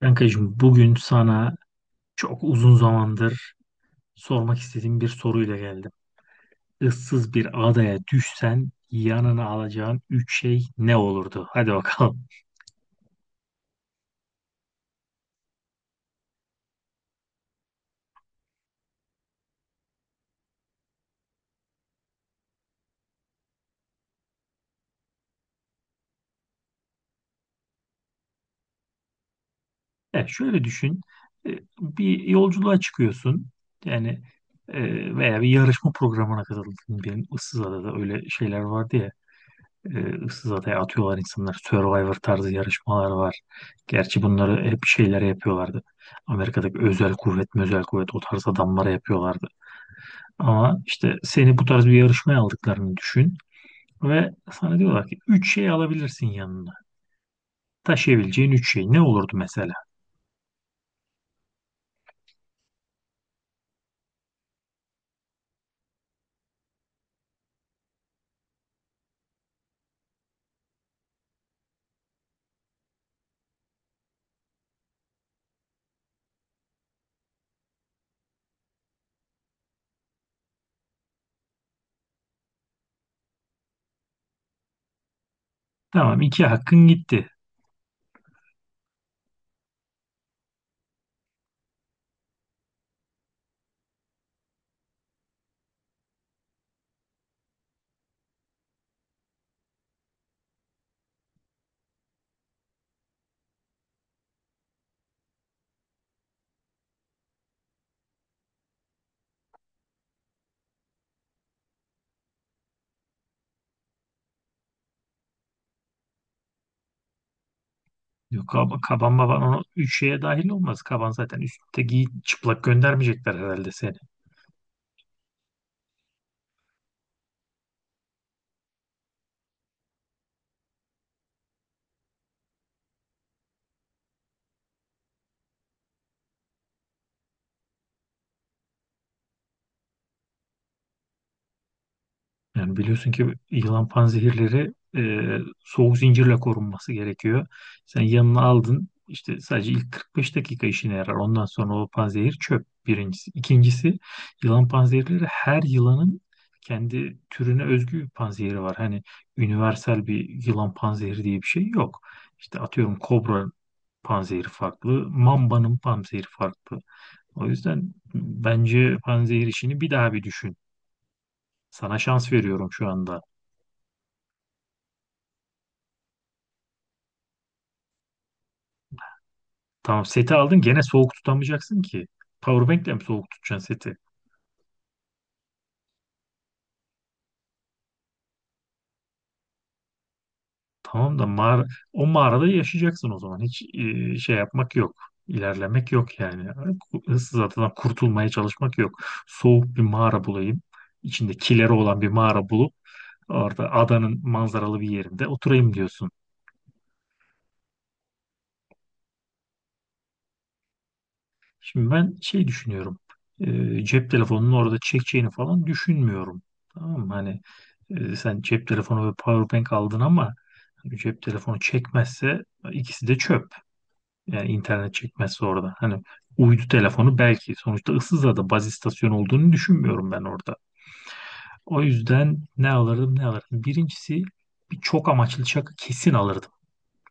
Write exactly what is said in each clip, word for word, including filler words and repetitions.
Kankacığım bugün sana çok uzun zamandır sormak istediğim bir soruyla geldim. Issız bir adaya düşsen yanına alacağın üç şey ne olurdu? Hadi bakalım. Ya şöyle düşün. E, Bir yolculuğa çıkıyorsun. Yani, e, veya bir yarışma programına katıldın. Benim ıssız adada öyle şeyler vardı ya. E, ıssız adaya atıyorlar insanlar. Survivor tarzı yarışmalar var. Gerçi bunları hep şeylere yapıyorlardı. Amerika'daki özel kuvvet, özel kuvvet o tarz adamlara yapıyorlardı. Ama işte seni bu tarz bir yarışmaya aldıklarını düşün ve sana diyorlar ki üç şey alabilirsin yanına. Taşıyabileceğin üç şey ne olurdu mesela? Tamam, iki hakkın gitti. Yok, kab- kaban baban o üç şeye dahil olmaz. Kaban zaten üstte, giy, çıplak göndermeyecekler herhalde seni. Yani biliyorsun ki yılan panzehirleri e, soğuk zincirle korunması gerekiyor. Sen yanına aldın, işte sadece ilk 45 dakika işine yarar. Ondan sonra o panzehir çöp, birincisi. İkincisi, yılan panzehirleri, her yılanın kendi türüne özgü bir panzehiri var. Hani universal bir yılan panzehiri diye bir şey yok. İşte atıyorum, kobra panzehiri farklı, mambanın panzehiri farklı. O yüzden bence panzehir işini bir daha bir düşün. Sana şans veriyorum şu anda. Tamam, seti aldın, gene soğuk tutamayacaksın ki. Powerbank'le mi soğuk tutacaksın seti? Tamam da mağara, o mağarada yaşayacaksın o zaman. Hiç e, şey yapmak yok. İlerlemek yok yani. Issız adadan kurtulmaya çalışmak yok. Soğuk bir mağara bulayım. İçinde kileri olan bir mağara bulup orada adanın manzaralı bir yerinde oturayım diyorsun. Şimdi ben şey düşünüyorum. e, cep telefonunun orada çekeceğini falan düşünmüyorum. Tamam mı? Hani e, sen cep telefonu ve powerbank aldın ama hani cep telefonu çekmezse ikisi de çöp. Yani internet çekmezse orada. Hani uydu telefonu belki, sonuçta Issızada baz istasyonu olduğunu düşünmüyorum ben orada. O yüzden ne alırdım ne alırdım. Birincisi, bir çok amaçlı çakı kesin alırdım.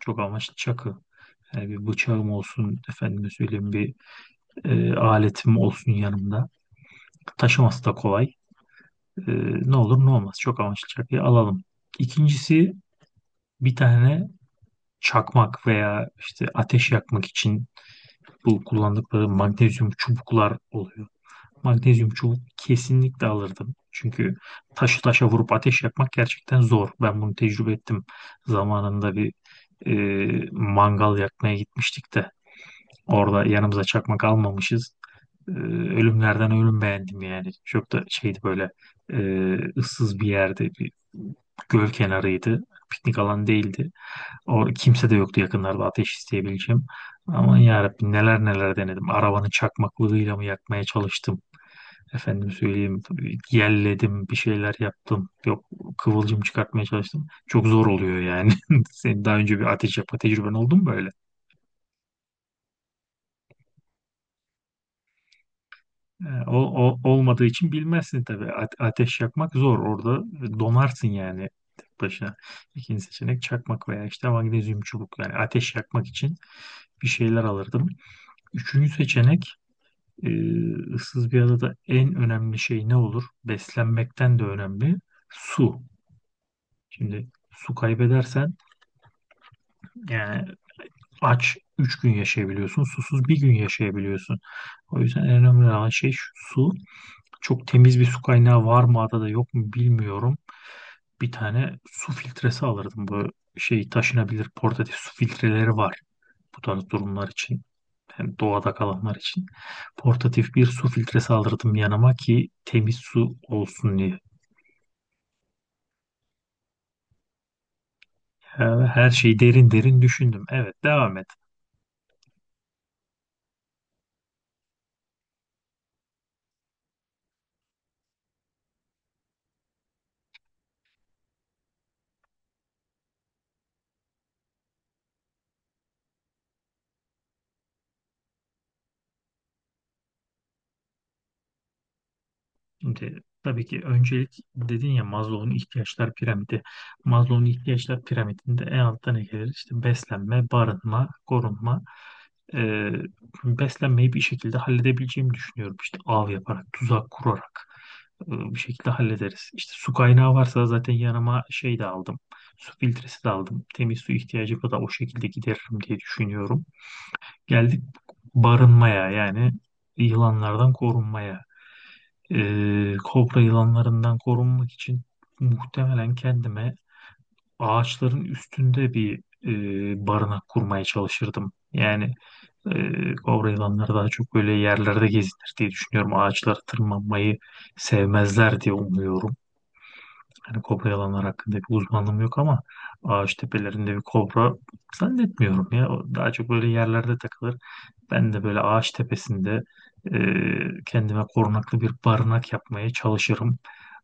Çok amaçlı çakı. Yani bir bıçağım olsun, efendime söyleyeyim bir e, aletim olsun yanımda. Taşıması da kolay. Ee, ne olur ne olmaz. Çok amaçlı çakıyı alalım. İkincisi, bir tane çakmak veya işte ateş yakmak için bu kullandıkları magnezyum çubuklar oluyor. Magnezyum çubuk kesinlikle alırdım. Çünkü taşı taşa vurup ateş yakmak gerçekten zor. Ben bunu tecrübe ettim. Zamanında bir e, mangal yakmaya gitmiştik de orada yanımıza çakmak almamışız. e, ölümlerden ölüm beğendim yani. Çok da şeydi böyle, e, ıssız bir yerde, bir göl kenarıydı. Piknik alanı değildi. O kimse de yoktu yakınlarda ateş isteyebileceğim. Aman yarabbim, neler neler denedim. Arabanın çakmaklığıyla mı yakmaya çalıştım. Efendim söyleyeyim, tabii yelledim, bir şeyler yaptım. Yok, kıvılcım çıkartmaya çalıştım. Çok zor oluyor yani. Senin daha önce bir ateş yapma tecrüben oldu mu böyle? E, O, o- olmadığı için bilmezsin tabii. A- ateş yakmak zor. Orada donarsın yani, tek başına. İkinci seçenek, çakmak veya işte magnezyum çubuk. Yani ateş yakmak için bir şeyler alırdım. Üçüncü seçenek, e, ıssız bir adada en önemli şey ne olur? Beslenmekten de önemli. Su. Şimdi su kaybedersen yani, aç üç gün yaşayabiliyorsun. Susuz bir gün yaşayabiliyorsun. O yüzden en önemli olan şey şu, su. Çok temiz bir su kaynağı var mı adada yok mu bilmiyorum. Bir tane su filtresi alırdım. Bu şey, taşınabilir, portatif su filtreleri var. Bu tarz durumlar için. Hem doğada kalanlar için. Portatif bir su filtresi alırdım yanıma ki temiz su olsun diye. Her her şeyi derin derin düşündüm. Evet, devam et. Şimdi tabii ki öncelik, dedin ya, Maslow'un ihtiyaçlar piramidi. Maslow'un ihtiyaçlar piramidinde en altta ne gelir? İşte beslenme, barınma, korunma. Ee, beslenmeyi bir şekilde halledebileceğimi düşünüyorum. İşte av yaparak, tuzak kurarak e, bir şekilde hallederiz. İşte su kaynağı varsa zaten, yanıma şey de aldım. Su filtresi de aldım. Temiz su ihtiyacımı da o şekilde gideririm diye düşünüyorum. Geldik barınmaya, yani yılanlardan korunmaya. Ee, kobra yılanlarından korunmak için muhtemelen kendime ağaçların üstünde bir e, barınak kurmaya çalışırdım. Yani, e, kobra yılanları daha çok böyle yerlerde gezinir diye düşünüyorum. Ağaçlara tırmanmayı sevmezler diye umuyorum. Hani kobra yılanlar hakkında bir uzmanlığım yok ama ağaç tepelerinde bir kobra zannetmiyorum ya. O daha çok böyle yerlerde takılır. Ben de böyle ağaç tepesinde e, kendime korunaklı bir barınak yapmaya çalışırım.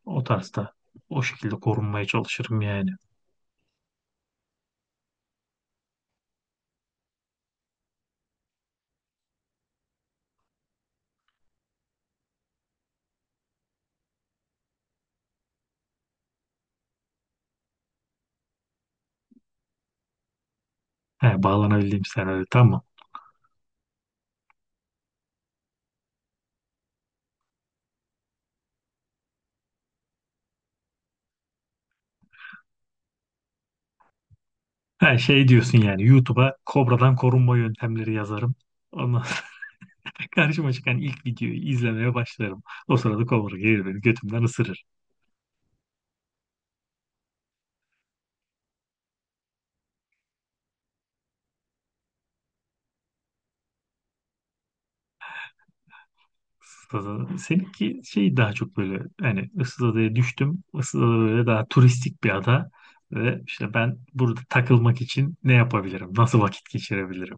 O tarzda. O şekilde korunmaya çalışırım yani. He, bağlanabildiğim senaryo tamam. Ha, şey diyorsun yani, YouTube'a kobradan korunma yöntemleri yazarım. Ondan sonra karşıma çıkan ilk videoyu izlemeye başlarım. O sırada kobra gelir beni götümden ısırır. Issız Ada- Seninki şey daha çok böyle, hani ıssız adaya düştüm. Issız ada böyle daha turistik bir ada. Ve işte ben burada takılmak için ne yapabilirim? Nasıl vakit geçirebilirim?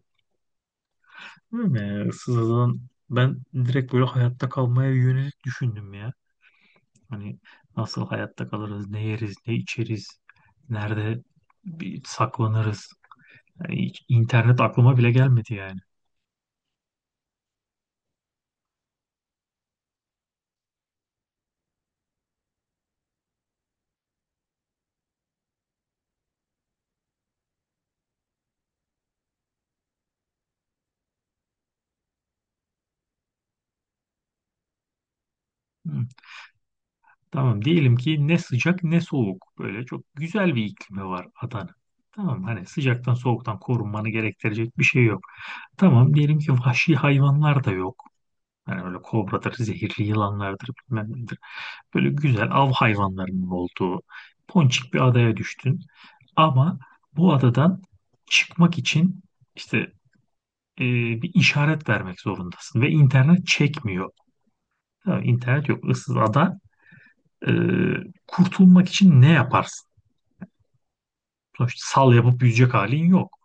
Değil mi? Issız adadan ben direkt böyle hayatta kalmaya yönelik düşündüm ya. Hani nasıl hayatta kalırız, ne yeriz, ne içeriz, nerede bir saklanırız. Yani hiç internet aklıma bile gelmedi yani. Hı. Tamam, diyelim ki ne sıcak ne soğuk. Böyle çok güzel bir iklimi var adanın. Tamam, hani sıcaktan soğuktan korunmanı gerektirecek bir şey yok. Tamam, diyelim ki vahşi hayvanlar da yok. Hani öyle kobradır, zehirli yılanlardır, bilmem nedir. Böyle güzel av hayvanlarının olduğu ponçik bir adaya düştün. Ama bu adadan çıkmak için işte e, bir işaret vermek zorundasın ve internet çekmiyor. Tamam, internet yok, ıssız ada. E, kurtulmak için ne yaparsın? Sonuçta sal yapıp yüzecek halin yok.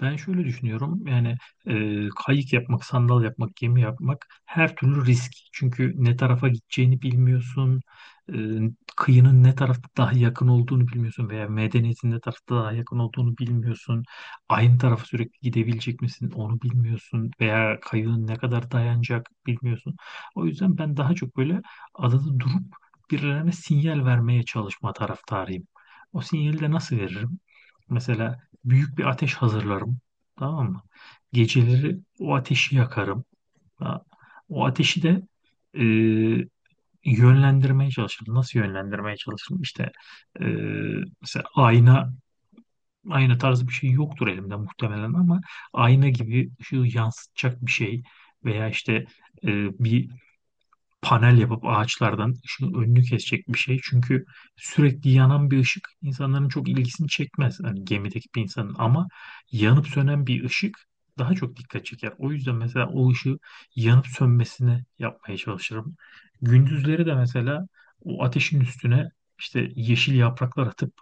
Ben şöyle düşünüyorum yani, e, kayık yapmak, sandal yapmak, gemi yapmak, her türlü risk. Çünkü ne tarafa gideceğini bilmiyorsun, e, kıyının ne tarafta daha yakın olduğunu bilmiyorsun veya medeniyetin ne tarafta daha yakın olduğunu bilmiyorsun. Aynı tarafa sürekli gidebilecek misin onu bilmiyorsun veya kayığın ne kadar dayanacak bilmiyorsun. O yüzden ben daha çok böyle adada durup birilerine sinyal vermeye çalışma taraftarıyım. O sinyali de nasıl veririm? Mesela büyük bir ateş hazırlarım. Tamam mı? Geceleri o ateşi yakarım. Ha, o ateşi de e, yönlendirmeye çalışırım. Nasıl yönlendirmeye çalışırım? İşte, e, mesela ayna ayna tarzı bir şey yoktur elimde muhtemelen ama ayna gibi şu yansıtacak bir şey veya işte e, bir panel yapıp ağaçlardan ışığın önünü kesecek bir şey. Çünkü sürekli yanan bir ışık insanların çok ilgisini çekmez, hani gemideki bir insanın, ama yanıp sönen bir ışık daha çok dikkat çeker. O yüzden mesela o ışığı yanıp sönmesini yapmaya çalışırım. Gündüzleri de mesela o ateşin üstüne işte yeşil yapraklar atıp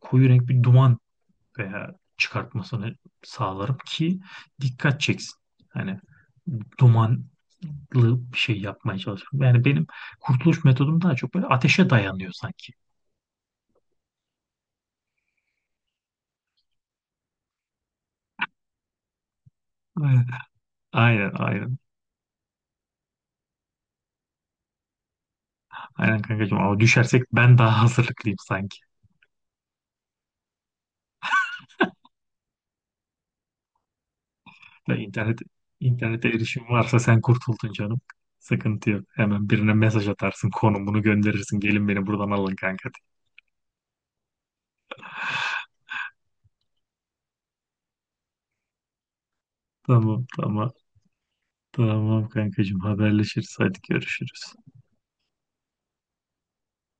koyu renk bir duman veya çıkartmasını sağlarım ki dikkat çeksin. Hani dumanlı bir şey yapmaya çalışıyorum. Yani benim kurtuluş metodum daha çok böyle ateşe dayanıyor sanki. Aynen, aynen, aynen. Aynen kankacığım, ama düşersek ben daha hazırlıklıyım sanki. Ya internet, internete erişim varsa sen kurtuldun canım. Sıkıntı yok. Hemen birine mesaj atarsın, konumunu gönderirsin. Gelin beni buradan alın kanka, diye. Tamam, tamam. Tamam kankacığım, haberleşiriz. Hadi görüşürüz.